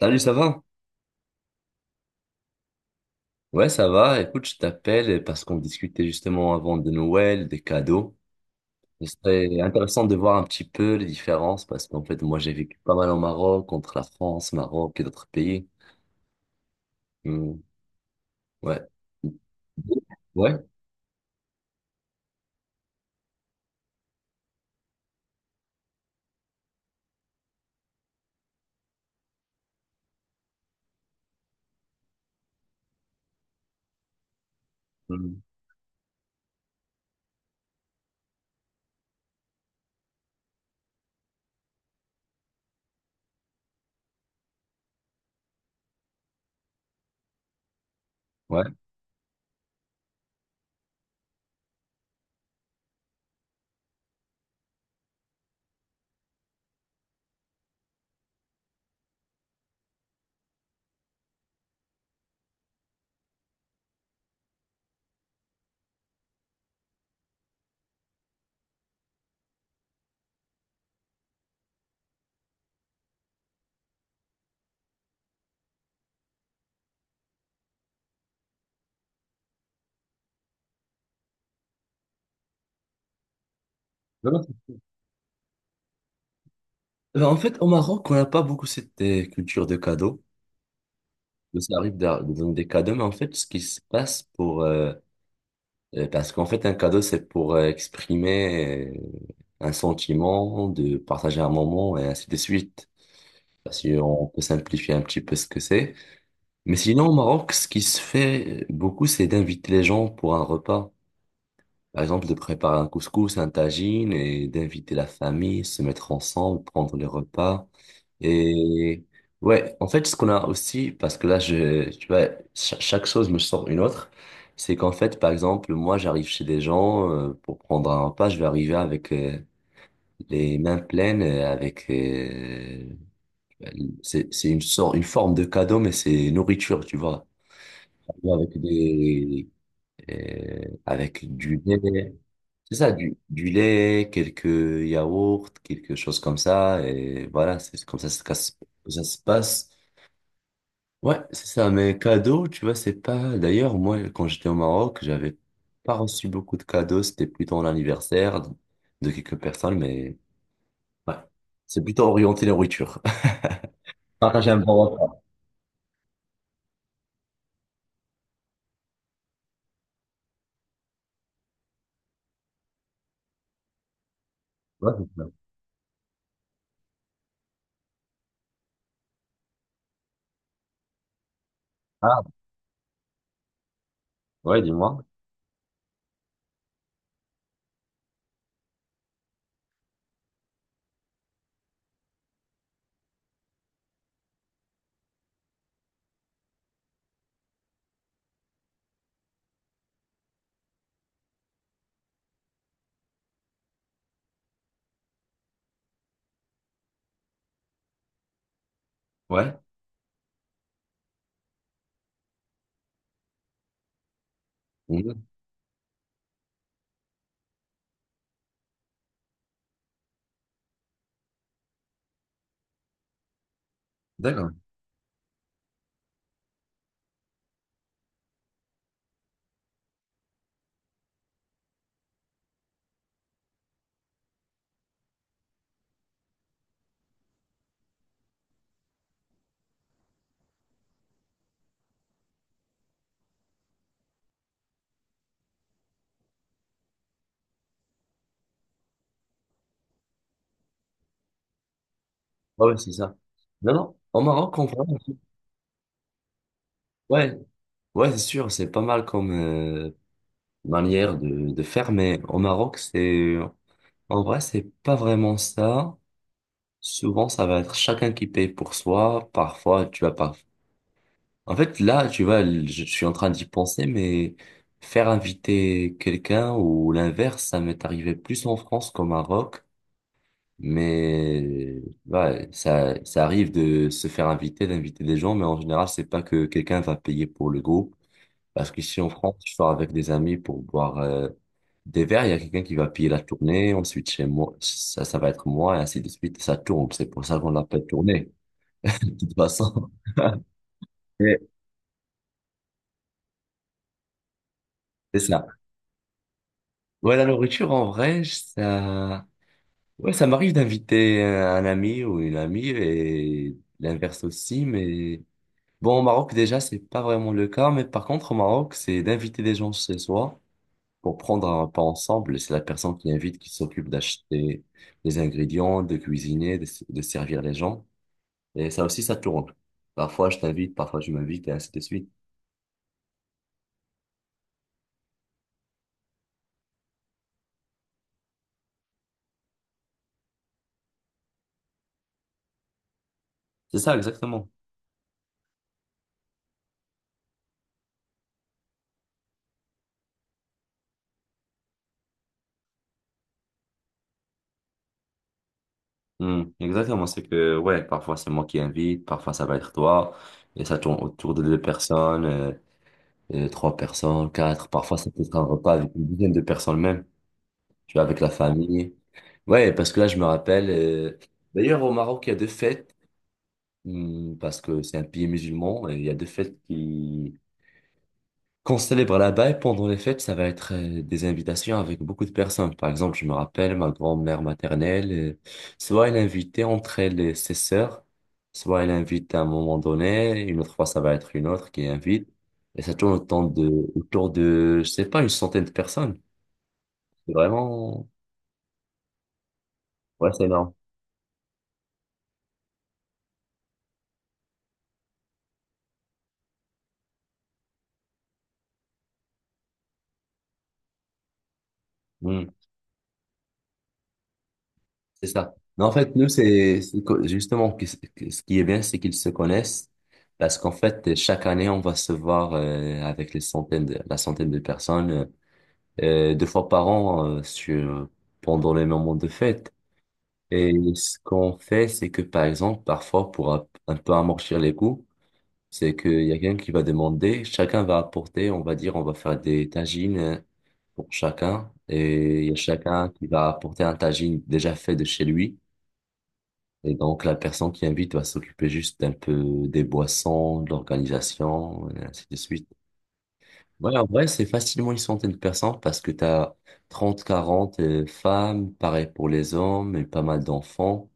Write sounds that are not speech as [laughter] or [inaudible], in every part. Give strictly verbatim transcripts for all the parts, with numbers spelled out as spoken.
Salut, ça va? Ouais, ça va. Écoute, je t'appelle parce qu'on discutait justement avant de Noël, des cadeaux. Ce serait intéressant de voir un petit peu les différences parce qu'en fait, moi, j'ai vécu pas mal au Maroc, entre la France, Maroc et d'autres pays. Hmm. Ouais. Ouais. Hmm. Ouais. Non, non, c'est- Ben, en fait, au Maroc, on n'a pas beaucoup cette euh, culture de cadeaux. Nous, ça arrive de, de donner des cadeaux, mais en fait, ce qui se passe pour... euh, euh, parce qu'en fait, un cadeau, c'est pour euh, exprimer euh, un sentiment, de partager un moment et ainsi de suite. Bah, si on peut simplifier un petit peu ce que c'est. Mais sinon, au Maroc, ce qui se fait beaucoup, c'est d'inviter les gens pour un repas. Par exemple, de préparer un couscous, un tagine, et d'inviter la famille, se mettre ensemble, prendre les repas. Et ouais, en fait, ce qu'on a aussi, parce que là, je, tu vois, cha- chaque chose me sort une autre, c'est qu'en fait, par exemple, moi, j'arrive chez des gens euh, pour prendre un repas, je vais arriver avec euh, les mains pleines, euh, avec euh, ben, C'est, c'est une sorte, une forme de cadeau, mais c'est nourriture, tu vois. Avec des, euh, avec du lait. C'est ça, du, du lait, quelques yaourts, quelque chose comme ça. Et voilà, c'est comme ça, se casse- ça se passe. Ouais, c'est ça. Mais cadeau, tu vois, c'est pas. D'ailleurs, moi, quand j'étais au Maroc, j'avais pas reçu beaucoup de cadeaux. C'était plutôt l'anniversaire de de quelques personnes, mais ouais. C'est plutôt orienté nourriture. [laughs] Partager un bon repas. Ouais, c'est ça. Ah, ouais, dis-moi. Ouais. Mhm. D'accord. Ah ouais, c'est ça. Non, non, au Maroc, on voit. Ouais, ouais, c'est sûr, c'est pas mal comme euh, manière de, de faire, mais au Maroc, c'est, en vrai, c'est pas vraiment ça. Souvent, ça va être chacun qui paye pour soi. Parfois, tu vas pas. En fait, là, tu vois, je suis en train d'y penser, mais faire inviter quelqu'un ou l'inverse, ça m'est arrivé plus en France qu'au Maroc. Mais ouais, ça, ça arrive de se faire inviter, d'inviter des gens, mais en général, c'est pas que quelqu'un va payer pour le groupe. Parce qu'ici en France, je sors avec des amis pour boire euh, des verres, il y a quelqu'un qui va payer la tournée, ensuite chez moi, ça, ça va être moi, et ainsi de suite, ça tourne. C'est pour ça qu'on l'appelle tournée, [laughs] de toute façon. Ouais. C'est ça. Ouais, la nourriture, en vrai, ça, ouais, ça m'arrive d'inviter euh, un ami ou une amie, et l'inverse aussi, mais. Bon, au Maroc, déjà, c'est pas vraiment le cas, mais par contre, au Maroc, c'est d'inviter des gens chez soi pour prendre un repas ensemble. C'est la personne qui invite qui s'occupe d'acheter les ingrédients, de cuisiner, de, de servir les gens. Et ça aussi, ça tourne. Parfois, je t'invite, parfois, tu m'invites, et ainsi de suite. C'est ça, exactement. Hmm, exactement. C'est que, ouais, parfois, c'est moi qui invite, parfois, ça va être toi. Et ça tourne autour de deux personnes, euh, euh, trois personnes, quatre. Parfois, ça peut être un repas avec une dizaine de personnes même. Tu vois, avec la famille. Ouais, parce que là, je me rappelle, euh, d'ailleurs, au Maroc, il y a deux fêtes, hum, parce que c'est un pays musulman, et il y a deux fêtes qui, qu'on célèbre là-bas, et pendant les fêtes, ça va être euh, des invitations avec beaucoup de personnes. Par exemple, je me rappelle, ma grand-mère maternelle, euh, soit elle invitait entre elle et ses sœurs, soit elle invite à un moment donné, une autre fois, ça va être une autre qui invite, et ça tourne autour de, autour de, je sais pas, une centaine de personnes. C'est vraiment, ouais, c'est énorme. Hmm. C'est ça. Mais en fait, nous, c'est c'est que- justement que- que- ce qui est bien, c'est qu'ils se connaissent parce qu'en fait, chaque année, on va se voir euh, avec les centaines de, la centaine de personnes euh, euh, deux fois par an euh, sur, pendant les moments de fête. Et ce qu'on fait, c'est que par exemple, parfois, pour un, un peu amortir les coups, c'est qu'il y a quelqu'un qui va demander, chacun va apporter, on va dire, on va faire des tagines euh, pour chacun et il y a chacun qui va apporter un tagine déjà fait de chez lui. Et donc, la personne qui invite va s'occuper juste un peu des boissons, de l'organisation, et ainsi de suite. Ouais, en vrai, c'est facilement une centaine de personnes parce que tu as trente, quarante euh, femmes, pareil pour les hommes et pas mal d'enfants.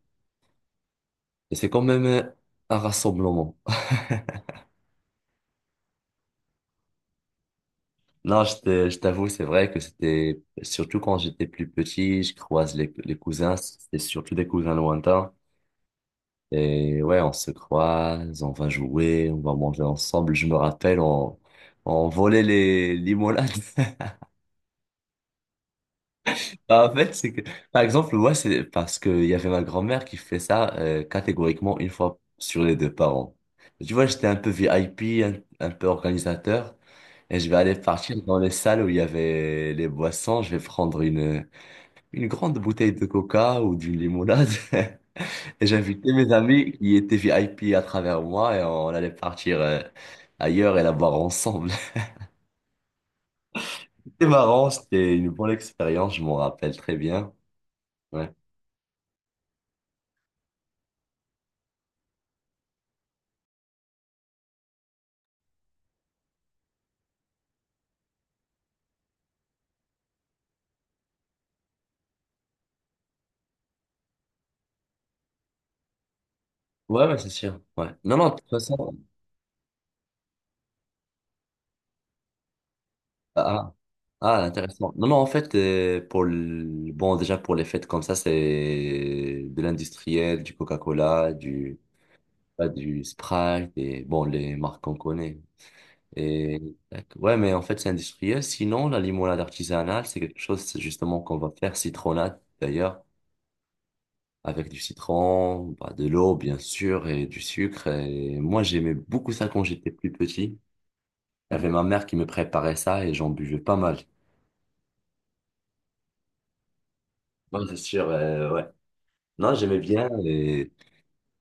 Et c'est quand même euh, un rassemblement. [laughs] Non, je te- je t'avoue, c'est vrai que c'était, surtout quand j'étais plus petit, je croise les, les cousins, c'était surtout des cousins lointains. Et ouais, on se croise, on va jouer, on va manger ensemble. Je me rappelle, on, on volait les limonades. [laughs] Bah, en fait, c'est que, par exemple, ouais, c'est parce qu'il y avait ma grand-mère qui fait ça euh, catégoriquement une fois sur les deux parents. Tu vois, j'étais un peu V I P, un, un peu organisateur, et je vais aller partir dans les salles où il y avait les boissons. Je vais prendre une, une grande bouteille de coca ou d'une limonade. [laughs] Et j'invitais mes amis qui étaient V I P à travers moi et on allait partir euh, ailleurs et la boire ensemble. [laughs] C'était marrant, c'était une bonne expérience, je m'en rappelle très bien. Ouais, ouais, ouais, c'est sûr. Ouais. Non, non, de toute façon, ah, ah, ah, intéressant. Non, non, en fait, euh, pour le... bon, déjà pour les fêtes comme ça, c'est de l'industriel, du Coca-Cola, du, pas du Sprite et bon, les marques qu'on connaît. Et tac. Ouais, mais en fait, c'est industriel. Sinon, la limonade artisanale, c'est quelque chose c'est justement qu'on va faire citronnade d'ailleurs, avec du citron, bah, de l'eau bien sûr et du sucre. Et moi, j'aimais beaucoup ça quand j'étais plus petit. Il y avait ma mère qui me préparait ça et j'en buvais pas mal. Non, c'est sûr, euh, ouais. Non, j'aimais bien. Et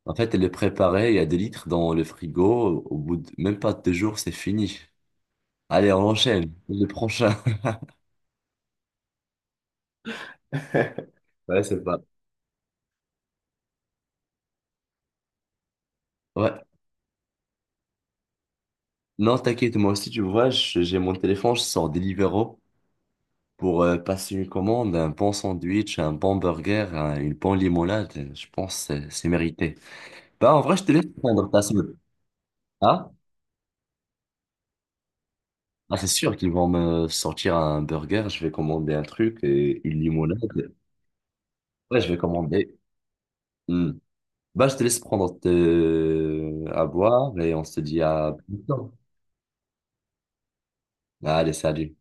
en fait, elle le préparait. Il y a des litres dans le frigo. Au bout de même pas deux jours, c'est fini. Allez, on enchaîne. Le prochain. [laughs] Ouais, c'est pas. Ouais. Non, t'inquiète, moi aussi, tu vois, je- j'ai mon téléphone, je sors Deliveroo pour euh, passer une commande, un bon sandwich, un bon burger, un- une bonne limonade. Je pense que c'est c'est mérité. Bah, en vrai, je te laisse prendre ta semaine. Ah, ah c'est sûr qu'ils vont me sortir un burger, je vais commander un truc et une limonade. Ouais, je vais commander. Hmm. Bah, je te laisse prendre te- à boire et on se dit à bientôt. Allez, salut.